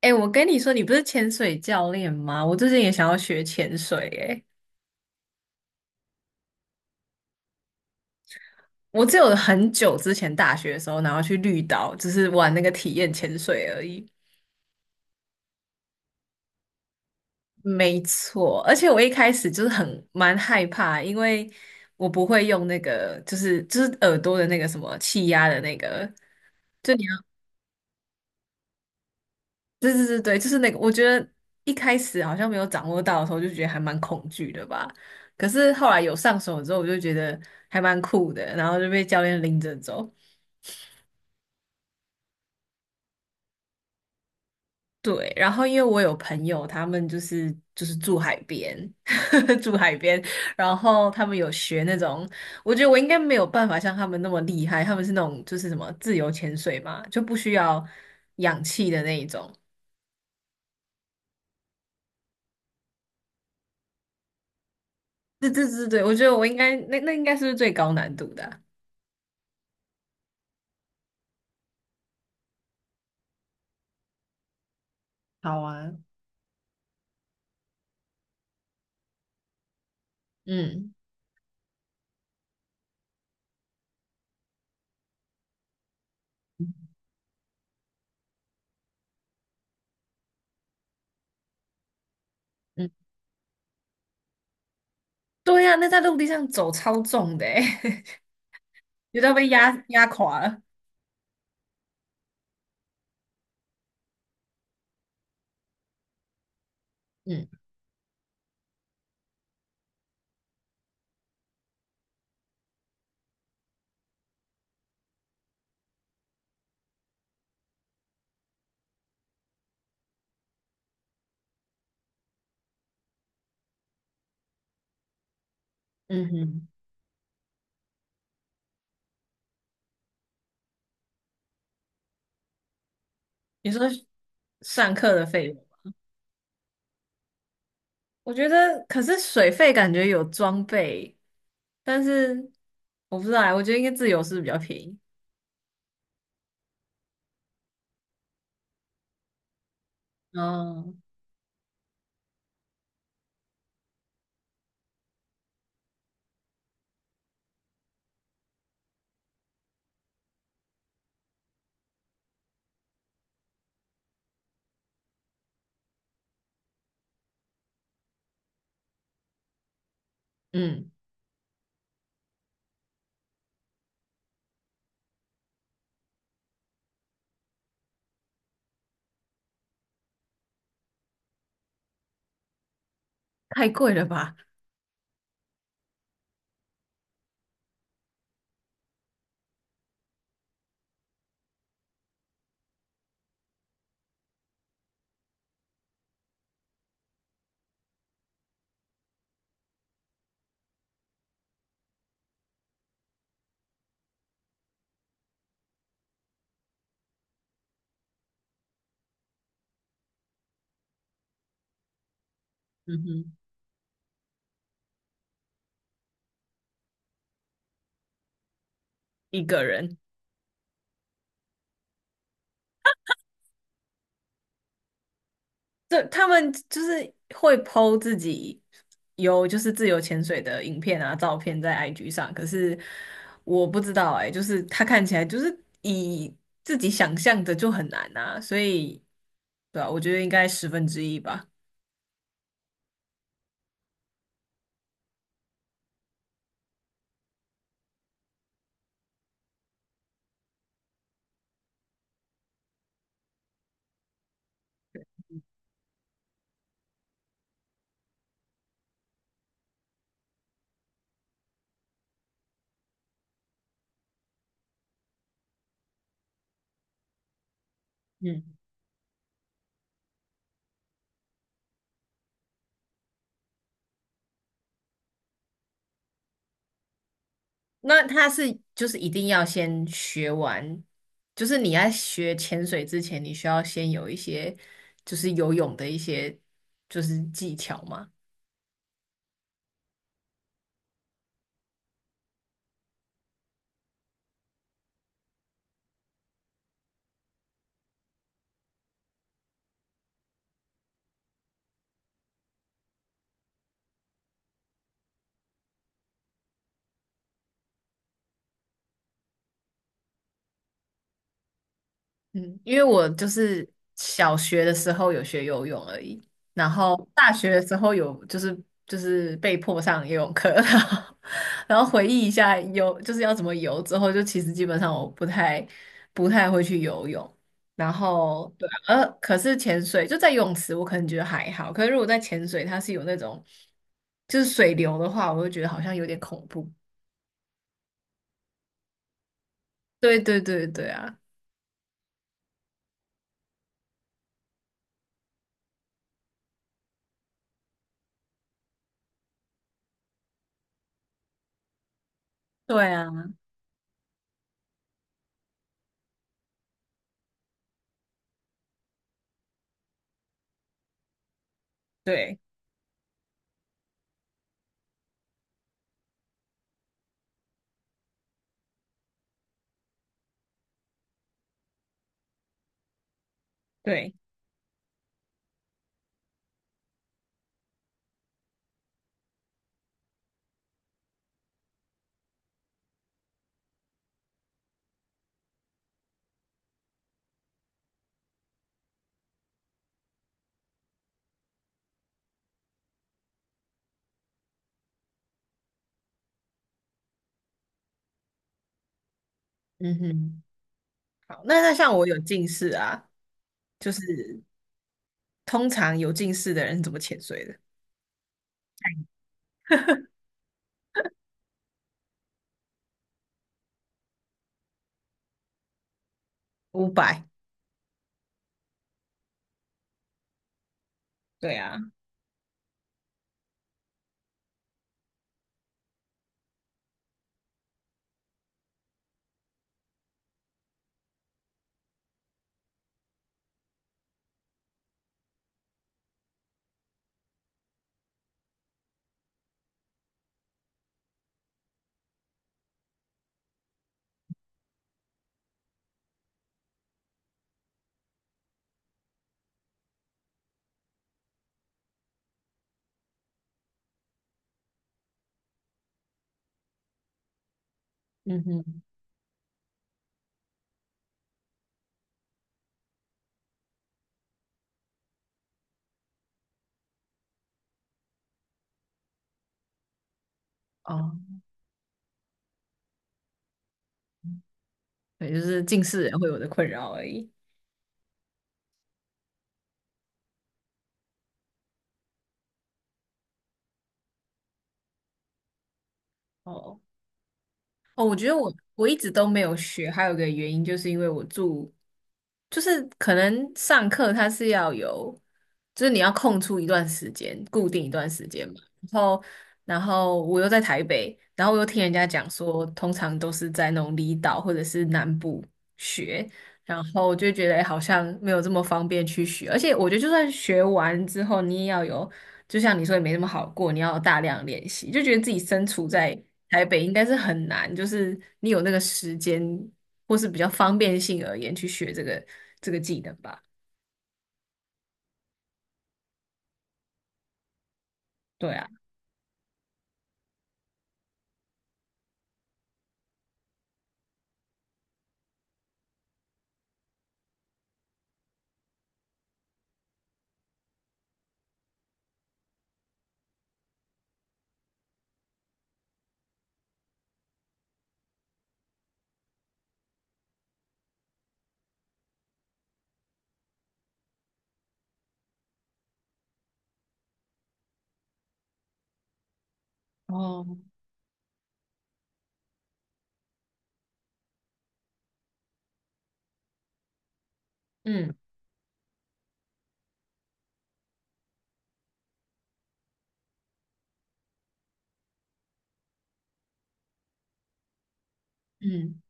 哎、我跟你说，你不是潜水教练吗？我最近也想要学潜水、哎，我只有很久之前大学的时候，然后去绿岛，只是玩那个体验潜水而已。没错，而且我一开始就是很蛮害怕，因为我不会用那个，就是耳朵的那个什么气压的那个，就你要，对对对对，就是那个。我觉得一开始好像没有掌握到的时候，就觉得还蛮恐惧的吧。可是后来有上手之后，我就觉得还蛮酷的，然后就被教练拎着走。对，然后因为我有朋友，他们就是住海边，住海边，然后他们有学那种，我觉得我应该没有办法像他们那么厉害，他们是那种就是什么自由潜水嘛，就不需要氧气的那一种。对对对对，我觉得我应该那应该是最高难度的啊。好啊，嗯嗯，对呀、那在陆地上走超重的欸，觉得被压垮了。嗯嗯哼，你说上课的费用？我觉得，可是水费感觉有装备，但是我不知道欸，我觉得应该自由是比较便宜。哦，嗯，太贵了吧，嗯哼，一个人。对，他们就是会 po 自己有就是自由潜水的影片啊、照片在 IG 上，可是我不知道哎、就是他看起来就是以自己想象的就很难啊，所以对啊，我觉得应该1/10吧。嗯。那他是就是一定要先学完，就是你在学潜水之前，你需要先有一些就是游泳的一些就是技巧吗？嗯，因为我就是小学的时候有学游泳而已，然后大学的时候有就是被迫上游泳课，然后回忆一下游就是要怎么游之后，就其实基本上我不太会去游泳，然后对啊，可是潜水就在游泳池，我可能觉得还好，可是如果在潜水，它是有那种就是水流的话，我就觉得好像有点恐怖。对对对对啊，对啊，对对，嗯哼。好，那像我有近视啊，就是通常有近视的人怎么潜水的？500，对啊，嗯哼，哦，对，就是近视人会有的困扰而已。哦。哦，我觉得我一直都没有学，还有一个原因就是因为我住，就是可能上课它是要有，就是你要空出一段时间，固定一段时间嘛。然后，然后我又在台北，然后我又听人家讲说，通常都是在那种离岛或者是南部学，然后我就觉得，诶好像没有这么方便去学，而且我觉得就算学完之后，你也要有。就像你说也没那么好过，你要大量练习，就觉得自己身处在台北应该是很难，就是你有那个时间或是比较方便性而言去学这个技能吧。对啊，哦，嗯嗯，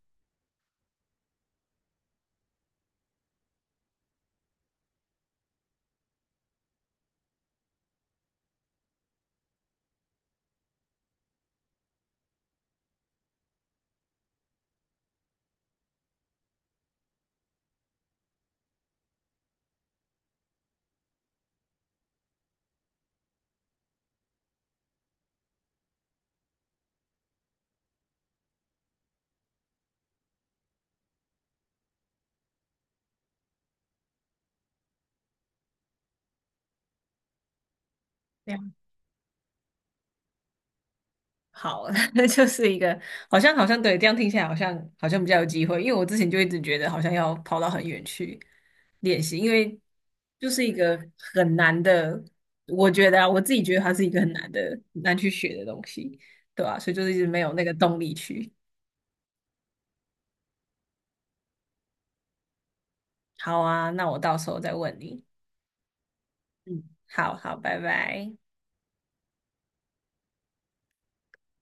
了好，那就是一个好像对，这样听起来好像比较有机会，因为我之前就一直觉得好像要跑到很远去练习，因为就是一个很难的，我觉得啊，我自己觉得它是一个很难的很难去学的东西，对吧？所以就是一直没有那个动力去。好啊，那我到时候再问你。嗯，好好，拜拜。